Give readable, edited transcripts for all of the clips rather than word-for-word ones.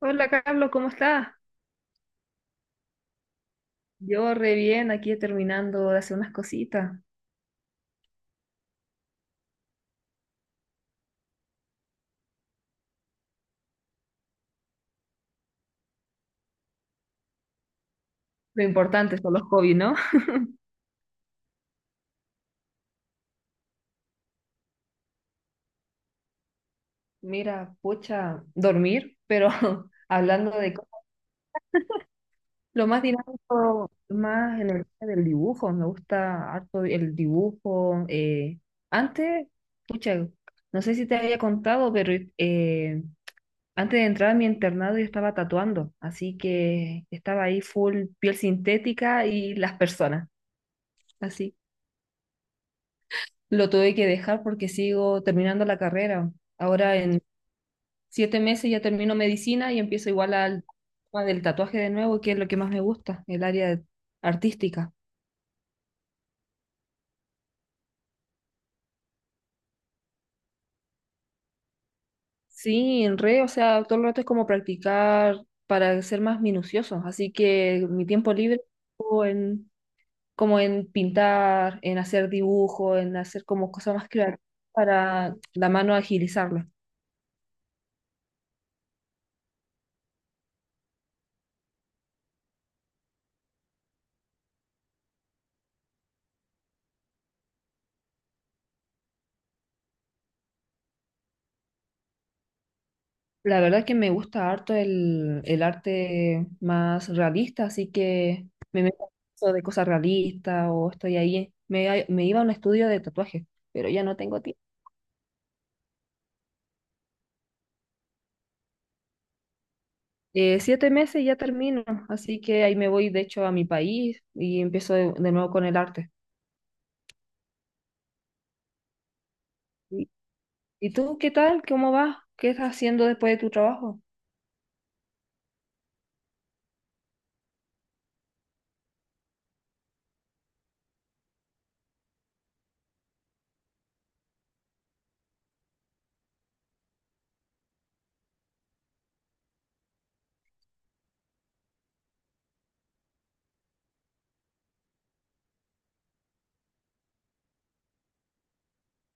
Hola Carlos, ¿cómo estás? Yo re bien, aquí terminando de hacer unas cositas. Lo importante son los hobbies, ¿no? Mira, pucha, dormir, pero hablando de cosas, lo más dinámico, más en el área del dibujo, me gusta harto el dibujo. Antes, pucha, no sé si te había contado, pero eh, antes de entrar a mi internado yo estaba tatuando, así que estaba ahí full piel sintética y las personas. Así lo tuve que dejar porque sigo terminando la carrera. Ahora en 7 meses ya termino medicina y empiezo igual al tema del tatuaje de nuevo, que es lo que más me gusta, el área artística. Sí, en re, o sea, todo el rato es como practicar para ser más minuciosos. Así que mi tiempo libre o en, como en pintar, en hacer dibujo, en hacer como cosas más creativas para la mano agilizarla. La verdad que me gusta harto el arte más realista, así que me meto en eso de cosas realistas o estoy ahí. Me iba a un estudio de tatuajes, pero ya no tengo tiempo. 7 meses y ya termino, así que ahí me voy de hecho a mi país y empiezo de nuevo con el arte. ¿Y, y tú qué tal? ¿Cómo vas? ¿Qué estás haciendo después de tu trabajo?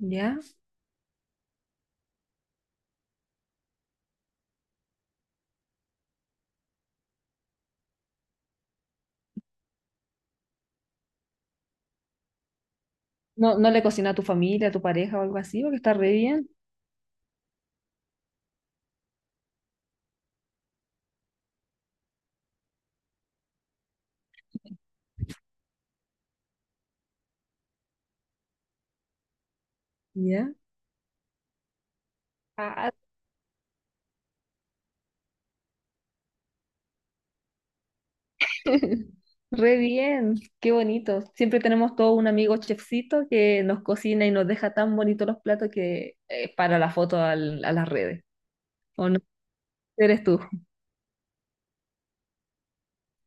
¿Ya? ¿No, no le cocina a tu familia, a tu pareja o algo así? Porque está re bien. ¿Ya? Ah, re bien, qué bonito. Siempre tenemos todo un amigo chefcito que nos cocina y nos deja tan bonitos los platos que para la foto a las redes. ¿O no? Eres tú.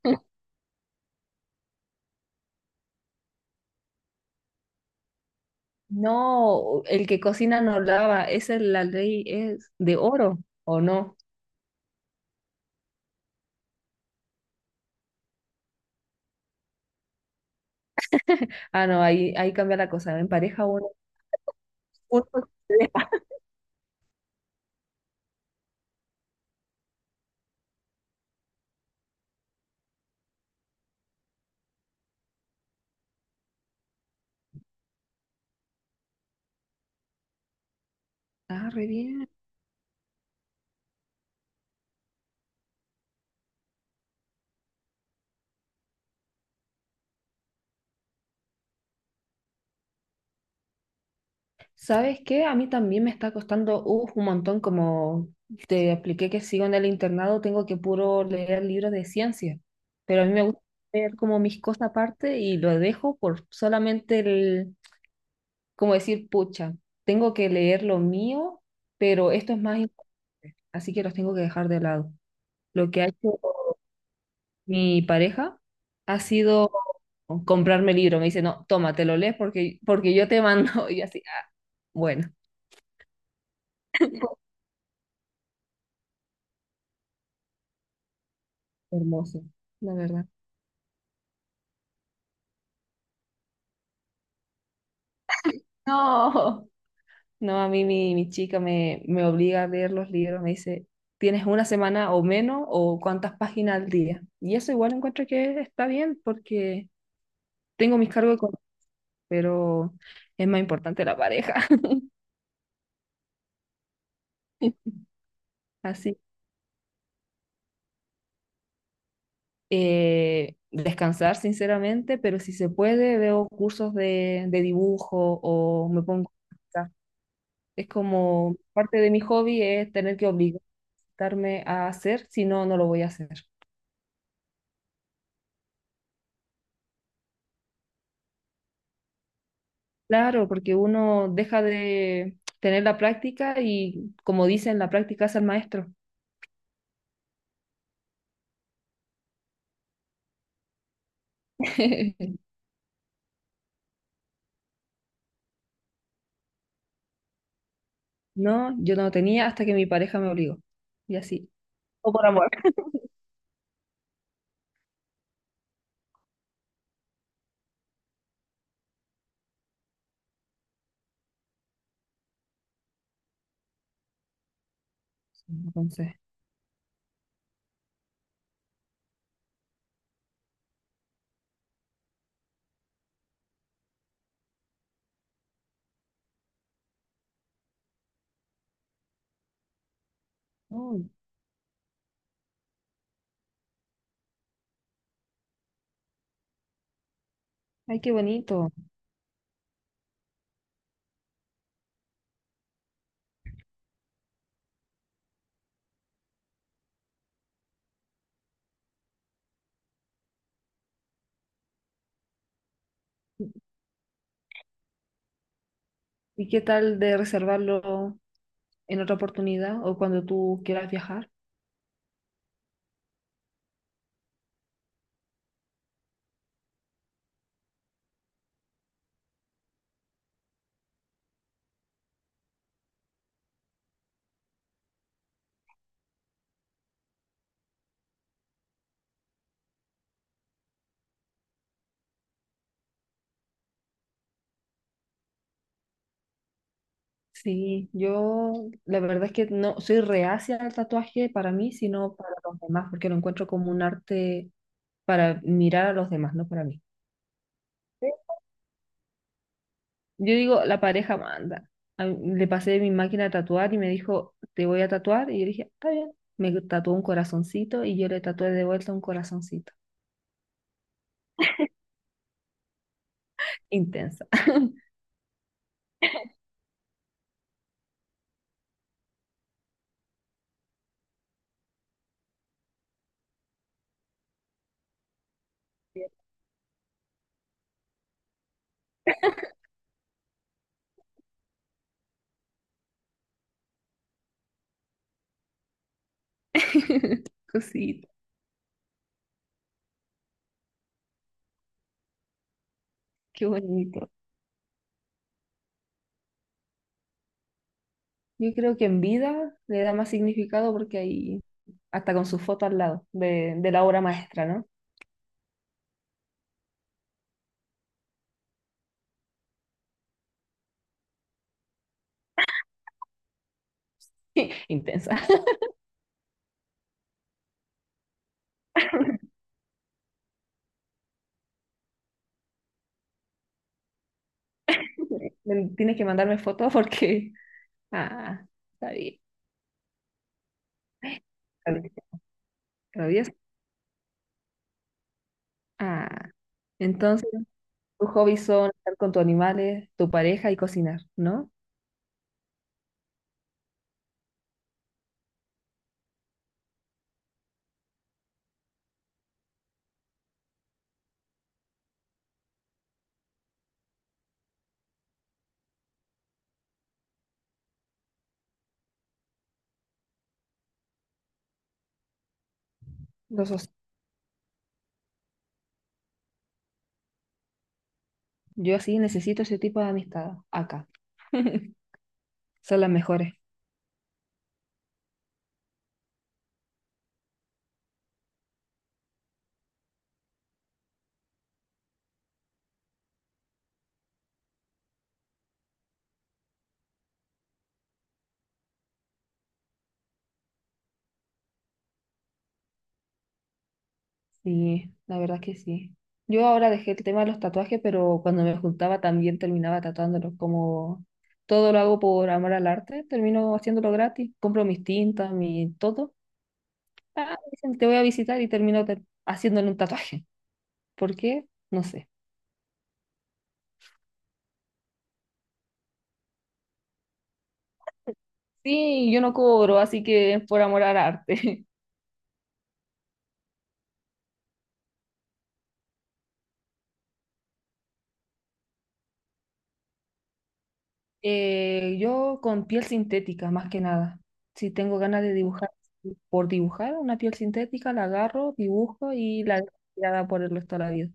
No, el que cocina no lava, esa es la ley, es de oro, ¿o no? Ah, no, ahí, ahí cambia la cosa. En pareja uno. uno- Ah, re bien. ¿Sabes qué? A mí también me está costando uf, un montón, como te expliqué que sigo en el internado, tengo que puro leer libros de ciencia, pero a mí me gusta leer como mis cosas aparte y lo dejo por solamente el, como decir, pucha, tengo que leer lo mío, pero esto es más importante, así que los tengo que dejar de lado. Lo que ha hecho mi pareja ha sido comprarme el libro, me dice, no, toma, te lo lees porque yo te mando, y yo así, ah, bueno. Hermoso, la verdad. No, no, a mí mi chica me obliga a leer los libros, me dice, tienes una semana o menos o cuántas páginas al día. Y eso igual encuentro que está bien porque tengo mis cargos económicos, pero es más importante la pareja. Así, descansar sinceramente, pero si se puede, veo cursos de dibujo o me pongo a pintar. Es como parte de mi hobby es tener que obligarme a hacer, si no, no lo voy a hacer. Claro, porque uno deja de tener la práctica y como dicen, la práctica hace al maestro. No, yo no tenía hasta que mi pareja me obligó. Y así. O por amor. Entonces, uy, ay, qué bonito. ¿Y qué tal de reservarlo en otra oportunidad o cuando tú quieras viajar? Sí, yo la verdad es que no soy reacia al tatuaje para mí, sino para los demás, porque lo encuentro como un arte para mirar a los demás, no para mí. Yo digo, la pareja manda. Le pasé mi máquina a tatuar y me dijo, te voy a tatuar. Y yo dije, está bien. Me tatuó un corazoncito y yo le tatué de vuelta un corazoncito. Intensa. Cosita, qué bonito. Yo creo que en vida le da más significado porque ahí, hasta con su foto al lado de la obra maestra, ¿no? Intensa. Tienes que mandarme fotos porque... Ah, está bien. Travieso. Ah, entonces... Tus hobbies son estar con tus animales, tu pareja y cocinar, ¿no? Los so-, yo sí necesito ese tipo de amistad acá. Son las mejores. Sí, la verdad que sí. Yo ahora dejé el tema de los tatuajes, pero cuando me juntaba también terminaba tatuándolos. Como todo lo hago por amor al arte, termino haciéndolo gratis. Compro mis tintas, mi todo. Ah, dicen, te voy a visitar y termino haciéndole un tatuaje. ¿Por qué? No sé. Sí, yo no cobro, así que es por amor al arte. Yo con piel sintética, más que nada. Si tengo ganas de dibujar, sí, por dibujar una piel sintética, la agarro, dibujo y la dejo tirada por el resto de la vida.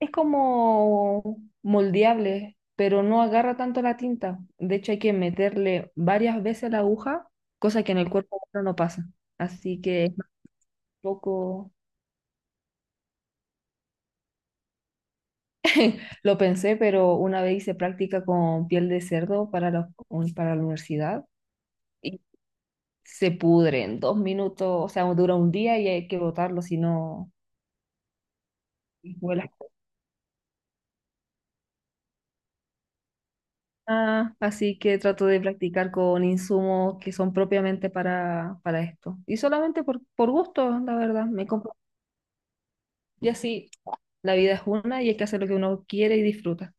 Es como moldeable, pero no agarra tanto la tinta. De hecho, hay que meterle varias veces la aguja, cosa que en el cuerpo humano no pasa. Así que es un poco, lo pensé, pero una vez hice práctica con piel de cerdo para la, para la universidad. Se pudre en 2 minutos, o sea, dura un día y hay que botarlo, si no vuelas. Ah, así que trato de practicar con insumos que son propiamente para esto. Y solamente por gusto, la verdad, me compro. Y así, la vida es una y hay que hacer lo que uno quiere y disfruta.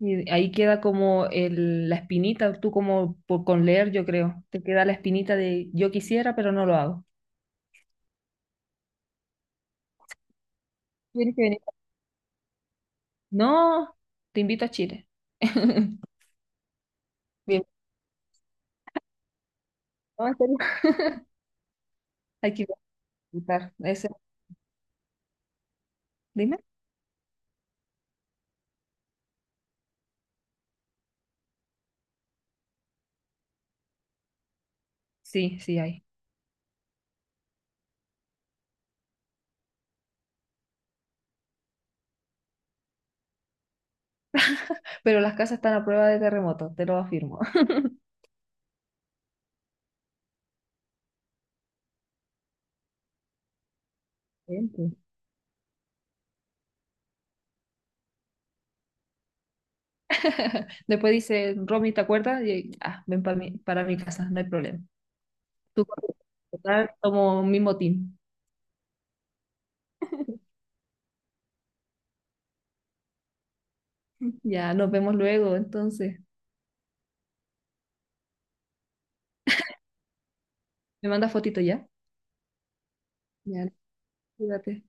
Y ahí queda como la espinita, tú como por, con leer, yo creo, te queda la espinita de yo quisiera, pero no lo hago. Tienes que venir. No, te invito a Chile. Bien. No, en serio. Hay que Claro, ese, dime. Sí, sí hay. Pero las casas están a prueba de terremoto, te lo afirmo. Gente. Después dice, Romy, ¿te acuerdas? Y, ah, ven para mi casa, no hay problema. Tú, corre. Total, tomo mi motín. Ya, nos vemos luego, entonces. ¿Me mandas fotito ya? Ya, cuídate.